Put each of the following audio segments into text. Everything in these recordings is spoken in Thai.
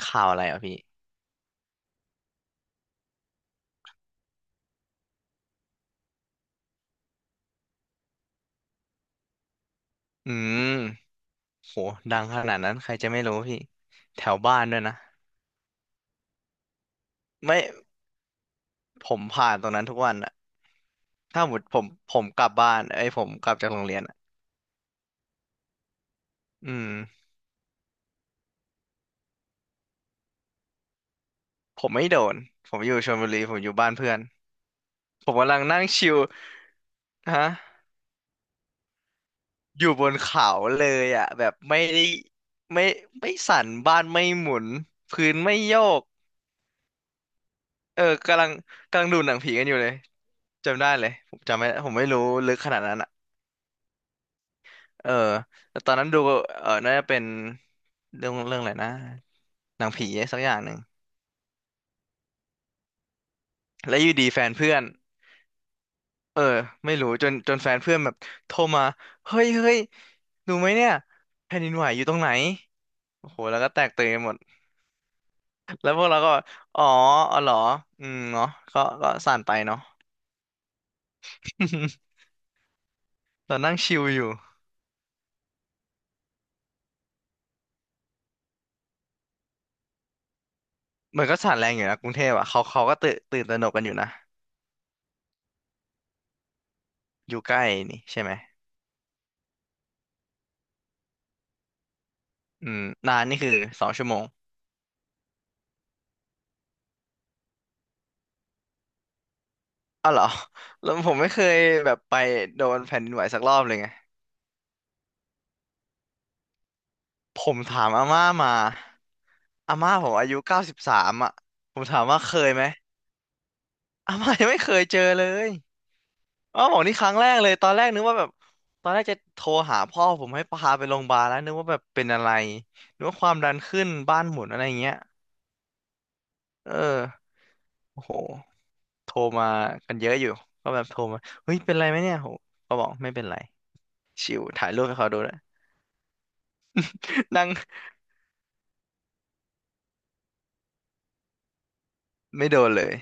ข่าวอะไรอ่ะพี่อืมโหดังขนาดนั้นใครจะไม่รู้พี่แถวบ้านด้วยนะไม่ผ่านตรงนั้นทุกวันอะถ้าหมดผมกลับบ้านเอ้ยผมกลับจากโรงเรียนอะอืมผมไม่โดนผมอยู่ชลบุรีผมอยู่บ้านเพื่อนผมกำลังนั่งชิลฮะอยู่บนเขาเลยอ่ะแบบไม่ได้ไม่ไม่สั่นบ้านไม่หมุนพื้นไม่โยกเออกำลังดูหนังผีกันอยู่เลยจำได้เลยผมจำไม่ผมไม่รู้ลึกขนาดนั้นอ่ะ เออแต่ตอนนั้นดูเออน่าจะเป็นเรื่องอะไรนะหนังผีสักอย่างหนึ่งแล้วอยู่ดีแฟนเพื่อนเออไม่รู้จนแฟนเพื่อนแบบโทรมา เฮ้ย เฮ้ย ดูไหมเนี่ยแผ่นดินไหวอยู่ตรงไหนโอ้โหแล้วก็แตกตื่นกันหมด แล้วพวกเราก็ อ๋ออ๋อเหรอ อืมเนาะก็สั่นไปเนาะ เรานั่งชิลอยู่มันก็สั่นแรงอยู่นะกรุงเทพอ่ะเขาก็ตื่นตระหนกกันอยู่นะอยู่ใกล้นี่ใช่ไหมอืมนานนี่คือ2 ชั่วโมง อ้าวเหรอ แล้วผมไม่เคยแบบไปโดนแผ่นดินไหวสักรอบเลยไงผมถามอาม่ามาอาม่าผมอายุ93อ่ะผมถามว่าเคยไหมอาม่ายังไม่เคยเจอเลยอ้าวบอกนี่ครั้งแรกเลยตอนแรกนึกว่าแบบตอนแรกจะโทรหาพ่อผมให้พาไปโรงพยาบาลแล้วนึกว่าแบบเป็นอะไรนึกว่าความดันขึ้นบ้านหมุนอะไรอย่างเงี้ยเออโอ้โหโทรมากันเยอะอยู่ก็แบบโทรมาเฮ้ยเป็นไรไหมเนี่ยโหก็บอกไม่เป็นไรชิวถ่ายรูปให้เขาดูนะ นั่งไม่โดนเลย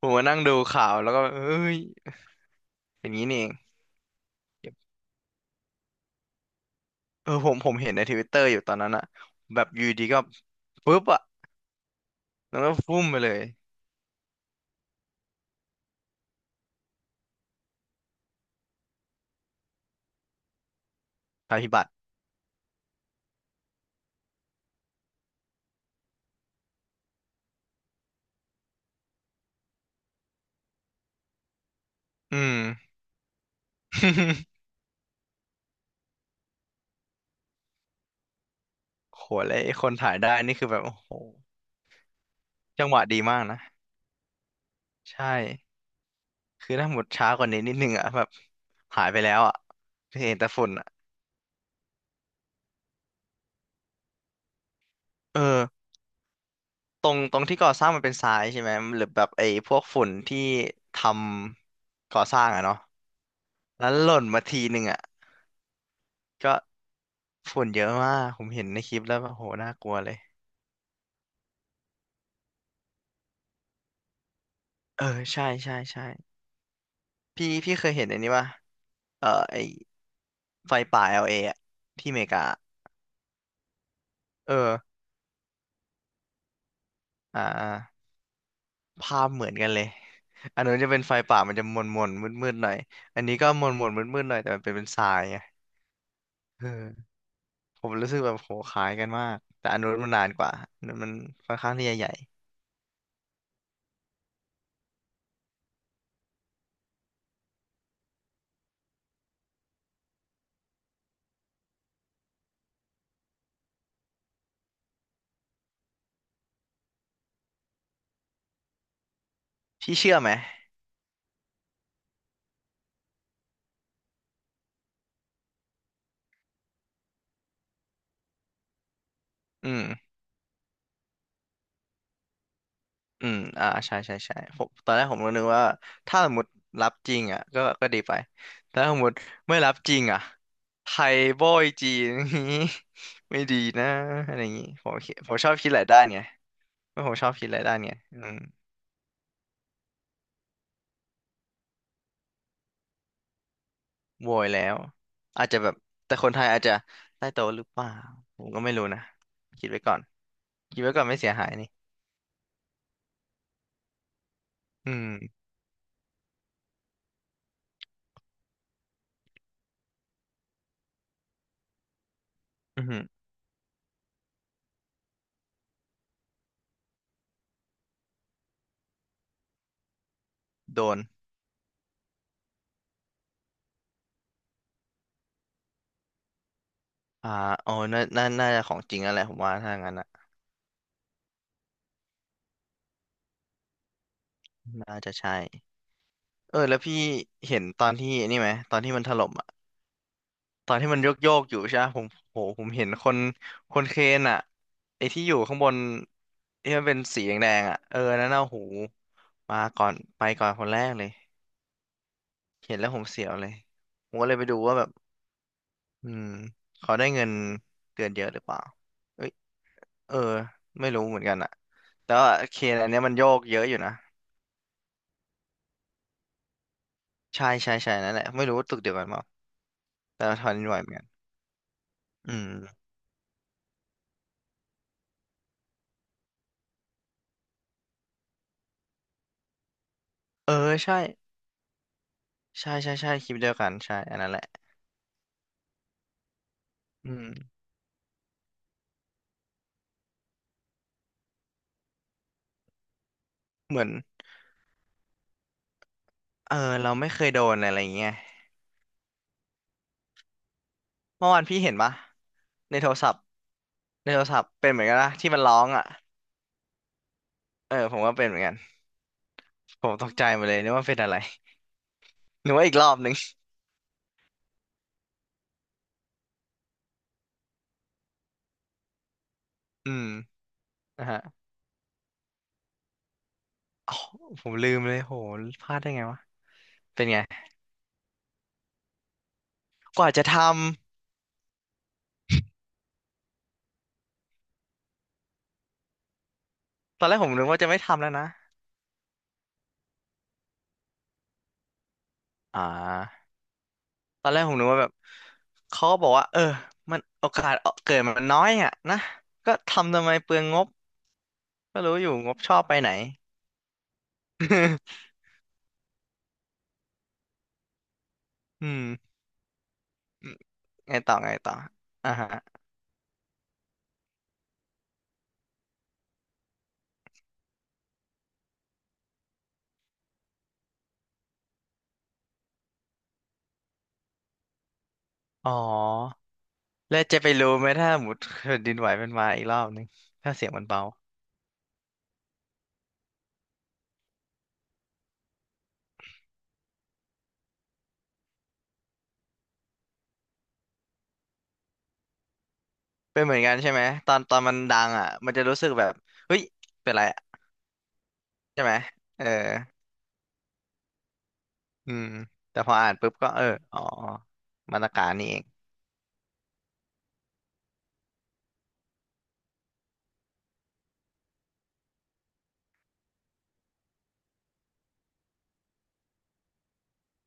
ผมมานั่งดูข่าวแล้วก็เอ้ยอย่างนี้นี่เองเออผมเห็นในทวิตเตอร์อยู่ตอนนั้นอะแบบอยูดีก็ปุ๊บอะแล้วก็ฟุ่มไปเลยภัยพิบัติอืม โหแล้วไอ้คนถ่ายได้นี่คือแบบโอ้โหจังหวะดีมากนะใช่คือถ้าหมดช้ากว่านี้นิดนึงอะแบบหายไปแล้วอะเห็นแต่ฝุ่นอะเออตรงที่ก่อสร้างมันเป็นทรายใช่ไหมหรือแบบไอ้พวกฝุ่นที่ทำก่อสร้างอะเนาะแล้วหล่นมาทีหนึ่งอะก็ ฝุ่นเยอะมากผมเห็นในคลิปแล้วแบบโหน่ากลัวเลยเออใช่ใช่ใช่พี่เคยเห็นอันนี้ป่ะเออไอไฟป่า LA อลเออะที่อเมริกาเอออ่าภาพเหมือนกันเลยอันนู้นจะเป็นไฟป่ามันจะมนมนมืดมืดๆหน่อยอันนี้ก็มนมนมืดมืดๆหน่อยแต่มันเป็นทรายไงเออผมรู้สึกแบบโหคล้ายกันมากแต่อันนู้นมันนานกว่าอันนู้นมันค่อนข้างที่จะใหญ่พี่เชื่อไหมอืม อืมอ่าใช่ใช่ใช่ผมตอนแรกผมก็นึกว่าถ้าสมมติรับจริงอ่ะก็ดีไปแต่ถ้าสมมติไม่รับจริงอ่ะไทยโบอยจีน อย่างงี้ ไม่ดีนะอะไรอย่างงี้ผมคิดผมชอบคิดหลายด้านไงเพราะผมชอบคิดหลายด้านไงอืมโวยแล้วอาจจะแบบแต่คนไทยอาจจะใต้โต๊ะหรือเปล่า ผมก็ไม่รู้นะ คิดไว้ก่อนคิดไว้ก่อนไม่เสียหายนี่อืมอือหือโดน อ่าอ๋อน่าน่าจะของจริงแล้วผมว่าถ้างั้นอ่ะน่าจะใช่ เออแล้วพี่เห็นตอนที่นี่ไหมตอนที่มันถล่มอ่ะตอนที่มันโยกอยู่ใช่ไหมผมโหผมเห็นคนเครนอ่ะไอ้ที่อยู่ข้างบนที่มันเป็นสีแดงๆอ่ะเออนั่นน่ะหูมาก่อนไปก่อนคนแรกเลยเห็นแล้วผมเสียวเลยผมก็เลยไปดูว่าแบบอืมเขาได้เงินเดือนเยอะหรือเปล่าเอ้ยเออไม่รู้เหมือนกันอ่ะแต่ว่าเคนอันเนี้ยมันโยกเยอะอยู่นะใช่ใช่ใช่นั่นแหละไม่รู้ว่าตึกเดียวกันเปล่าแต่ว่าแผ่นดินไหวเหมือนกันอืมเออใช่ ใช่ใช่ใช่คลิปเดียวกันใช่อันนั้นแหละอืมเหมือนเออเราไม่เคยโดนอะไรอย่างเงี้ยเมื่อวานพี่เห็นปะในโทรศัพท์ในโทรศัพท์เป็นเหมือนกันนะที่มันร้องอ่ะเออผมก็เป็นเหมือนกันผมตกใจหมดเลยนึกว่าเป็นอะไร นึกว่าอีกรอบหนึ่งอืมนะฮะอ๋อผมลืมเลยโหพลาดได้ไงวะเป็นไงกว่าจะทำตอนแรกผมนึกว่าจะไม่ทำแล้วนะอ่าตอนแรกผมนึกว่าแบบเขาก็บอกว่าเออมันโอกาสเกิดมันน้อยอ่ะนะก็ทำทำไมเปลืองงบก็รู้อยู่งบชอบไปไหน อืมไงต่อไงต่ออ่าฮะอ๋อแล้วจะไปรู้ไหมถ้าหมุดแผ่นดินไหวมันมาอีกรอบนึงถ้าเสียงมันเบาเป็นเหมือนกันใช่ไหมตอนมันดังอ่ะมันจะรู้สึกแบบเฮ้ยเป็นไรอะใช่ไหมเอออืมแต่พออ่านปุ๊บก็เอออ๋อมนอการนี่เอง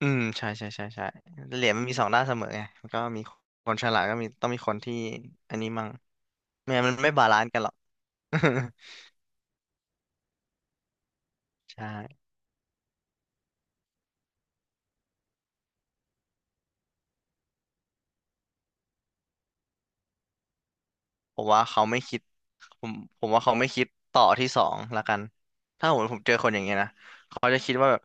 อืมใช่ใช่ใช่ใช่เหรียญมันมีสองด้านเสมอไงมันก็มีคนฉลาดก็มีต้องมีคนที่อันนี้มั่งไม่งั้นมันไม่บาลานซ์กันหรอก ใช่ ผมว่าเขาไม่คิดผมผมว่าเขาไม่คิดต่อที่สองละกันถ้าผมเจอคนอย่างเงี้ยนะเขาจะคิดว่าแบบ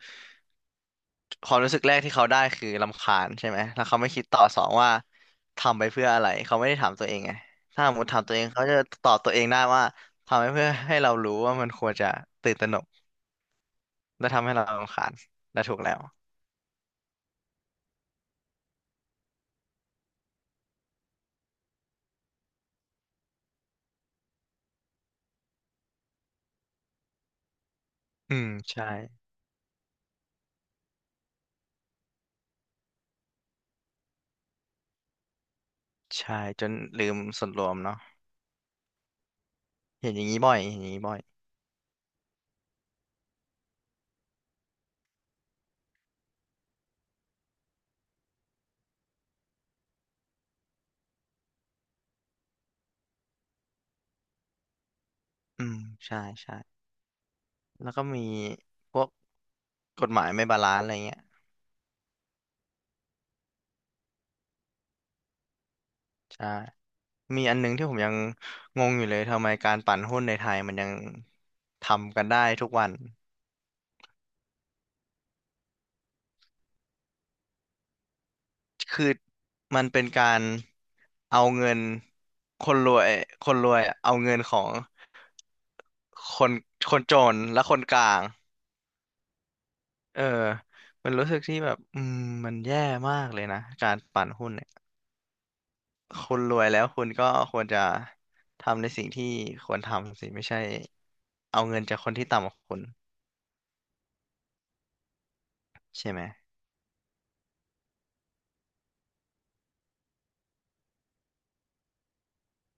ความรู้สึกแรกที่เขาได้คือรำคาญใช่ไหมแล้วเขาไม่คิดต่อสองว่าทำไปเพื่ออะไรเขาไม่ได้ถามตัวเองไงถ้าสมมติถามตัวเองเขาจะตอบตัวเองได้ว่าทำไปเพื่อให้เรารู้ว่ามันควรจะตื่นตระหนกและทำให้เรารำคาญและถูกแล้วอืมใช่ใช่จนลืมส่วนรวมเนาะเห็นอย่างนี้บ่อยเห็นอย่างนี้บ่อยอืมใช่ใช่ แล้วก็มีพวกกฎหมายไม่บาลานซ์อะไรเงี้ยใช่มีอันหนึงที่ผมยังงงอยู่เลยทำไมการปั่นหุ้นในไทยมันยังทำกันได้ทุกวันคือมันเป็นการเอาเงินคนรวยคนรวยอะเอาเงินของคนคนจนและคนกลางเออมันรู้สึกที่แบบอืมมันแย่มากเลยนะการปั่นหุ้น คุณรวยแล้วคุณก็ควรจะทำในสิ่งที่ควรทำสิไม่ใช่เอาเงินจากคนที่ต่ำกว่าคุณใช่ไหม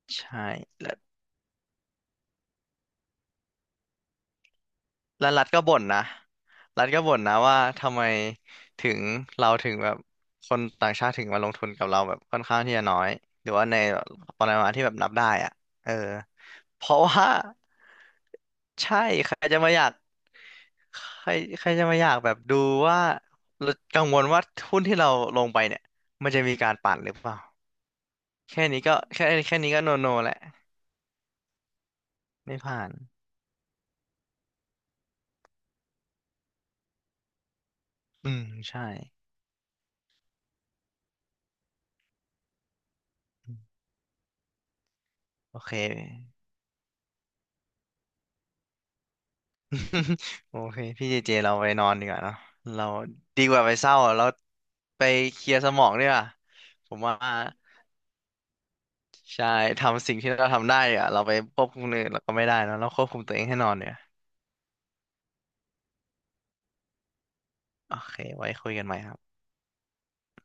ใช่ แล้วรัฐก็บ่นนะรัฐก็บ่นนะว่าทำไมถึงเราถึงแบบคนต่างชาติถึงมาลงทุนกับเราแบบค่อนข้างที่จะน้อยหรือว่าในปริมาณที่แบบนับได้อ่ะเออเพราะว่าใช่ใครจะมาอยากใครใครจะมาอยากแบบดูว่าเรากังวลว่าหุ้นที่เราลงไปเนี่ยมันจะมีการปั่นหรือเปล่าแค่นี้ก็แค่นี้ก็โนโนแหละไม่ผ่านอืมใช่โอเค โอเคพี่เจเจเราไปนอนดีกว่าเนาะเราดีกว่าไปเศร้าอะเราไปเคลียร์สมองดีกว่าผมว่าใช่ทำสิ่งที่เราทำได้ดีกว่าเราไปควบคุมคนอื่นเราก็ไม่ได้เนอะเราควบคุมตัวเองให้นอนเนี่ยโอเคไว้คุยกันใหม่ครับ